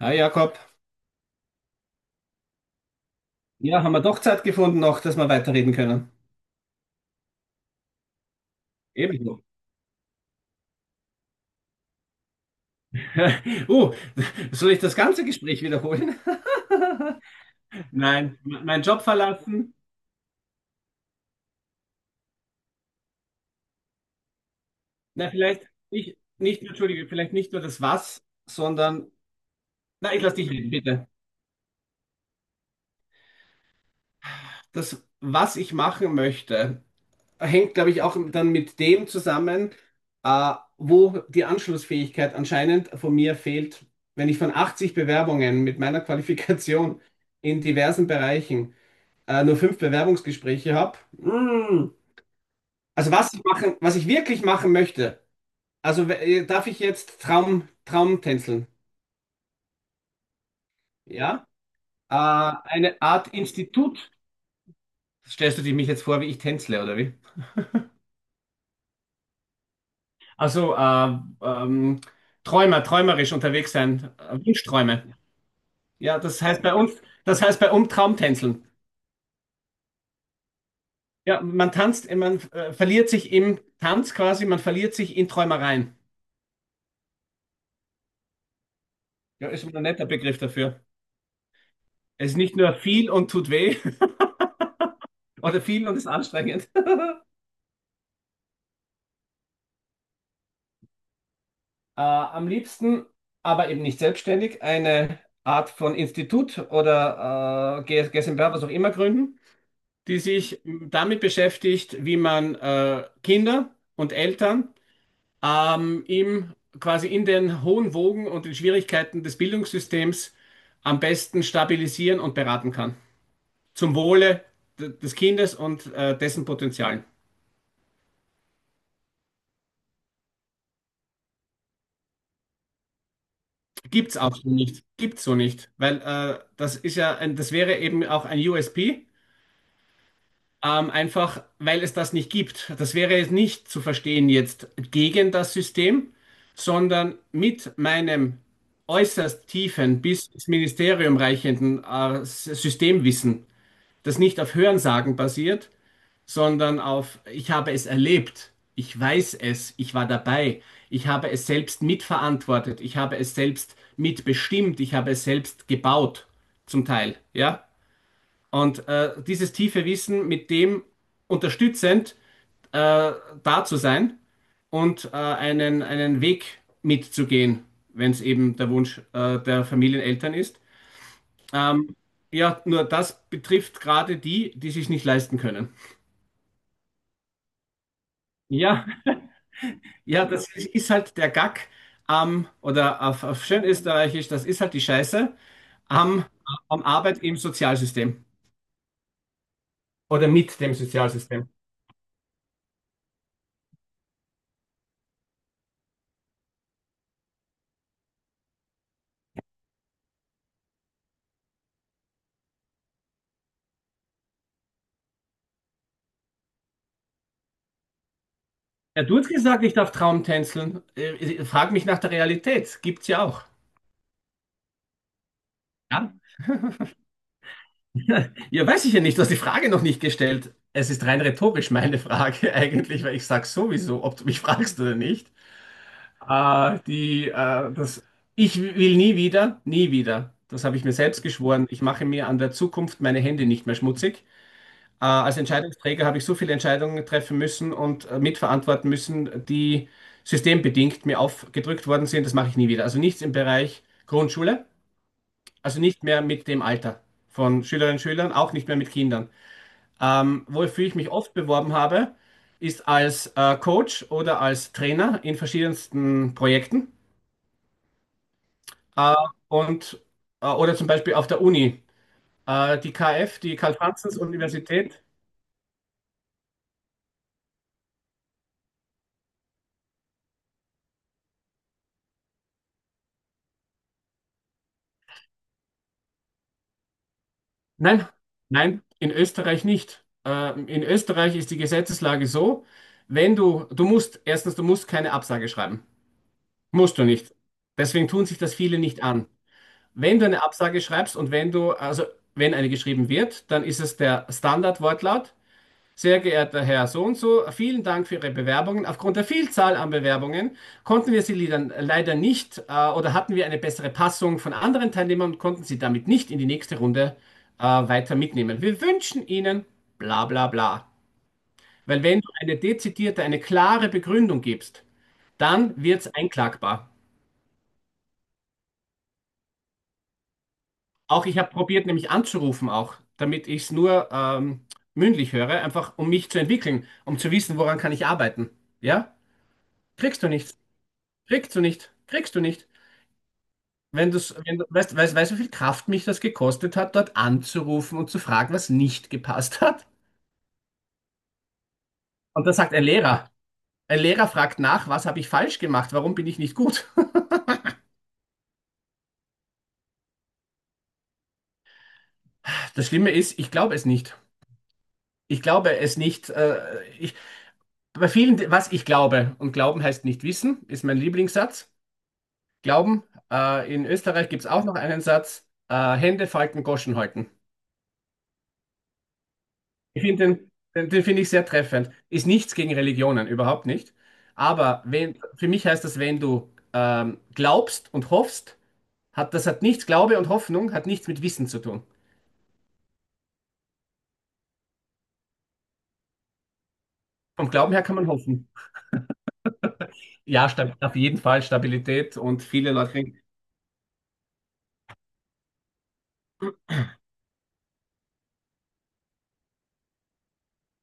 Hi Jakob. Ja, haben wir doch Zeit gefunden noch, dass wir weiterreden können. Ebenso. Uh, soll ich das ganze Gespräch wiederholen? Nein, m- Meinen Job verlassen. Na, vielleicht nicht, nicht, entschuldige, vielleicht nicht nur das Was, sondern, na, ich lass dich reden, bitte. Das, was ich machen möchte, hängt, glaube ich, auch dann mit dem zusammen, wo die Anschlussfähigkeit anscheinend von mir fehlt. Wenn ich von 80 Bewerbungen mit meiner Qualifikation in diversen Bereichen nur fünf Bewerbungsgespräche habe. Mm. Also was ich machen, was ich wirklich machen möchte. Also darf ich jetzt Traum, Traum tänzeln? Ja? Eine Art Institut. Stellst du dir mich jetzt vor, wie ich tänzle, oder wie? Also Träumer, träumerisch unterwegs sein, Wunschträume. Ja, das heißt bei uns, das heißt bei uns Traumtänzeln. Ja, man tanzt, man verliert sich im Tanz quasi, man verliert sich in Träumereien. Ja, ist ein netter Begriff dafür. Es ist nicht nur viel und tut weh, oder viel und ist anstrengend. Am liebsten, aber eben nicht selbstständig, eine Art von Institut oder GmbH, was auch immer gründen, die sich damit beschäftigt, wie man Kinder und Eltern quasi in den hohen Wogen und den Schwierigkeiten des Bildungssystems am besten stabilisieren und beraten kann. Zum Wohle des Kindes und dessen Potenzialen. Gibt's auch so nicht. Gibt's so nicht. Weil das wäre eben auch ein USP, einfach weil es das nicht gibt. Das wäre es nicht zu verstehen jetzt gegen das System, sondern mit meinem äußerst tiefen bis ins Ministerium reichenden Systemwissen, das nicht auf Hörensagen basiert, sondern auf ich habe es erlebt, ich weiß es, ich war dabei, ich habe es selbst mitverantwortet, ich habe es selbst mitbestimmt, ich habe es selbst gebaut, zum Teil, ja. Und dieses tiefe Wissen mit dem unterstützend äh, da zu sein und einen Weg mitzugehen, wenn es eben der Wunsch der Familieneltern ist. Ähm, ja, nur das betrifft gerade die, die sich nicht leisten können. Ja. Ja, das ist halt der Gag am, oder auf schön Österreichisch, das ist halt die Scheiße am, am Arbeit im Sozialsystem oder mit dem Sozialsystem. Ja, du hast gesagt, ich darf Traumtänzeln. Frag mich nach der Realität. Gibt's ja auch. Ja, ja, weiß ich ja nicht. Du hast die Frage noch nicht gestellt. Es ist rein rhetorisch meine Frage eigentlich, weil ich sage sowieso, ob du mich fragst oder nicht. Äh, die, äh, das, Ich will nie wieder, nie wieder. Das habe ich mir selbst geschworen. Ich mache mir an der Zukunft meine Hände nicht mehr schmutzig. Als Entscheidungsträger habe ich so viele Entscheidungen treffen müssen und mitverantworten müssen, die systembedingt mir aufgedrückt worden sind. Das mache ich nie wieder. Also nichts im Bereich Grundschule, also nicht mehr mit dem Alter von Schülerinnen und Schülern, auch nicht mehr mit Kindern. Wofür ich mich oft beworben habe, ist als Coach oder als Trainer in verschiedensten Projekten. Äh, und, oder zum Beispiel auf der Uni. Die Karl-Franzens-Universität. Nein, nein, in Österreich nicht. In Österreich ist die Gesetzeslage so, wenn du, du musst, erstens, du musst keine Absage schreiben. Musst du nicht. Deswegen tun sich das viele nicht an. Wenn du eine Absage schreibst und wenn du, also wenn eine geschrieben wird, dann ist es der Standardwortlaut. Sehr geehrter Herr So und so, vielen Dank für Ihre Bewerbungen. Aufgrund der Vielzahl an Bewerbungen konnten wir Sie dann leider nicht oder hatten wir eine bessere Passung von anderen Teilnehmern und konnten Sie damit nicht in die nächste Runde weiter mitnehmen. Wir wünschen Ihnen bla bla bla. Weil wenn du eine dezidierte, eine klare Begründung gibst, dann wird es einklagbar. Auch ich habe probiert, nämlich anzurufen auch, damit ich es nur mündlich höre, einfach um mich zu entwickeln, um zu wissen, woran kann ich arbeiten. Ja? Kriegst du nichts. Kriegst du nicht. Kriegst du nicht. Wenn du's, wenn du, weißt, weißt, weißt, du, wie viel Kraft mich das gekostet hat, dort anzurufen und zu fragen, was nicht gepasst hat? Und da sagt ein Lehrer fragt nach, was habe ich falsch gemacht? Warum bin ich nicht gut? Das Schlimme ist, ich glaube es nicht. Ich glaube es nicht. Bei vielen, was ich glaube, und Glauben heißt nicht wissen, ist mein Lieblingssatz. Glauben, in Österreich gibt es auch noch einen Satz, Hände falten, Goschen halten. Ich finde den, finde ich sehr treffend. Ist nichts gegen Religionen, überhaupt nicht. Aber wenn, für mich heißt das, wenn du glaubst und hoffst, hat das hat nichts, Glaube und Hoffnung hat nichts mit Wissen zu tun. Vom Glauben her kann man hoffen. Ja, auf jeden Fall Stabilität und viele Leute.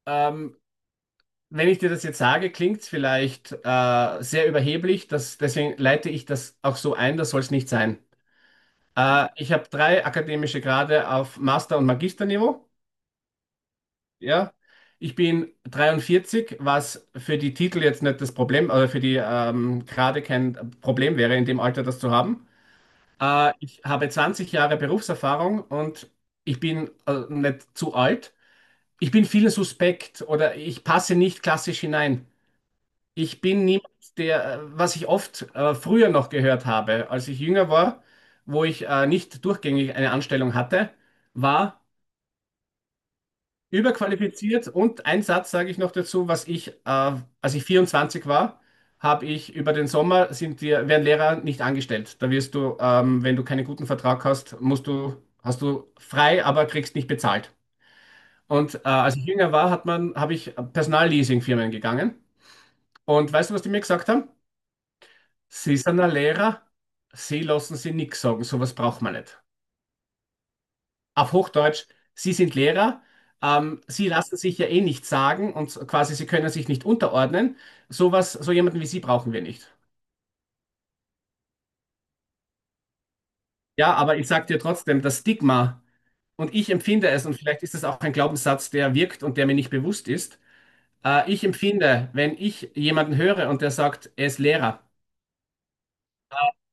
Ähm, wenn ich dir das jetzt sage, klingt es vielleicht sehr überheblich. Das, deswegen leite ich das auch so ein, das soll es nicht sein. Ich habe drei akademische Grade auf Master- und Magisterniveau. Ja, ich bin 43, was für die Titel jetzt nicht das Problem, oder für die gerade kein Problem wäre, in dem Alter das zu haben. Ich habe 20 Jahre Berufserfahrung und ich bin nicht zu alt. Ich bin vielen suspekt oder ich passe nicht klassisch hinein. Ich bin niemand, was ich oft früher noch gehört habe, als ich jünger war, wo ich nicht durchgängig eine Anstellung hatte, war, überqualifiziert und ein Satz sage ich noch dazu, als ich 24 war, habe ich über den Sommer sind dir, werden Lehrer nicht angestellt. Da wirst du, wenn du keinen guten Vertrag hast, musst du, hast du frei, aber kriegst nicht bezahlt. Und als ich jünger war, hat man, habe ich Personalleasingfirmen gegangen. Und weißt du, was die mir gesagt haben? Sie sind ein Lehrer, sie lassen sie nichts sagen, sowas braucht man nicht. Auf Hochdeutsch, Sie sind Lehrer, Sie lassen sich ja eh nichts sagen und quasi Sie können sich nicht unterordnen. Sowas, so jemanden wie Sie brauchen wir nicht. Ja, aber ich sage dir trotzdem, das Stigma, und ich empfinde es, und vielleicht ist es auch ein Glaubenssatz, der wirkt und der mir nicht bewusst ist, ich empfinde, wenn ich jemanden höre und der sagt, er ist Lehrer,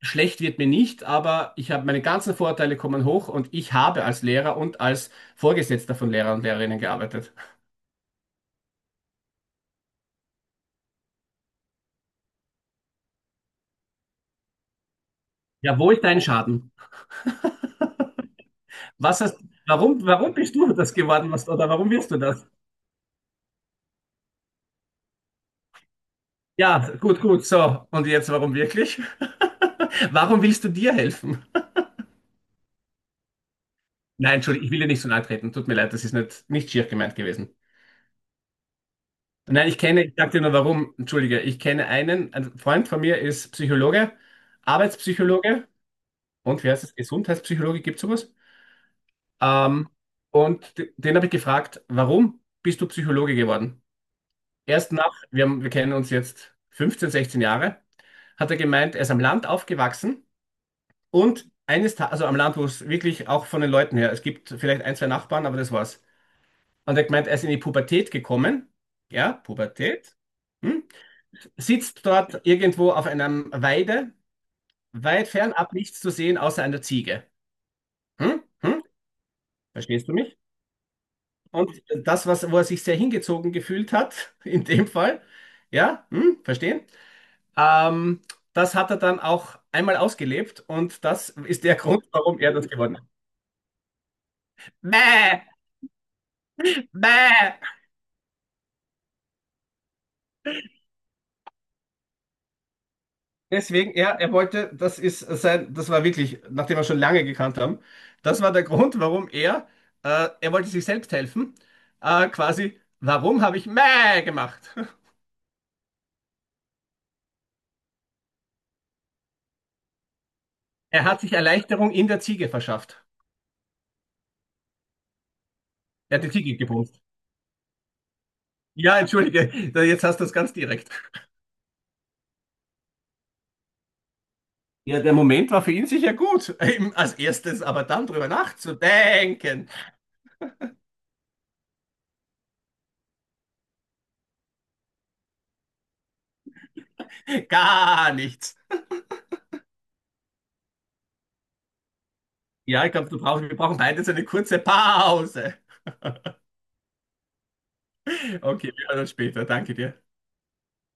schlecht wird mir nicht, aber ich habe meine ganzen Vorurteile kommen hoch und ich habe als Lehrer und als Vorgesetzter von Lehrern und Lehrerinnen gearbeitet. Ja, wo ist dein Schaden? Was hast, warum bist du das geworden, oder warum willst du das? Ja, gut, gut, so. Und jetzt, warum wirklich? Warum willst du dir helfen? Nein, Entschuldigung, ich will dir nicht so nahe treten. Tut mir leid, das ist nicht, nicht schier gemeint gewesen. Nein, ich kenne, ich sag dir nur warum, entschuldige, ich kenne einen, ein Freund von mir ist Psychologe, Arbeitspsychologe und wie heißt es, Gesundheitspsychologe, gibt es sowas? Ähm, Den habe ich gefragt, warum bist du Psychologe geworden? Erst nach, wir, haben, wir kennen uns jetzt 15, 16 Jahre, hat er gemeint, er ist am Land aufgewachsen und eines Tages, also am Land, wo es wirklich auch von den Leuten her, es gibt vielleicht ein, zwei Nachbarn, aber das war's. Und er hat gemeint, er ist in die Pubertät gekommen. Ja, Pubertät. Hm? Sitzt dort irgendwo auf einem Weide, weit fernab nichts zu sehen, außer einer Ziege. Hm? Hm? Verstehst du mich? Und das, was, wo er sich sehr hingezogen gefühlt hat, in dem Fall, ja, hm? Verstehen? Ähm, Das hat er dann auch einmal ausgelebt und das ist der Grund, warum er das geworden. Bäh, bäh. Deswegen, ja, er wollte, das ist sein, das war wirklich, nachdem wir schon lange gekannt haben, das war der Grund, warum er wollte sich selbst helfen, quasi, warum habe ich Mäh gemacht? Er hat sich Erleichterung in der Ziege verschafft. Er hat die Ziege gebumst. Ja, entschuldige, jetzt hast du es ganz direkt. Ja, der Moment war für ihn sicher gut, eben als erstes, aber dann drüber nachzudenken, gar nichts. Ja, ich glaube, du brauchst, wir brauchen beide so eine kurze Pause. Okay, wir hören uns später. Danke dir.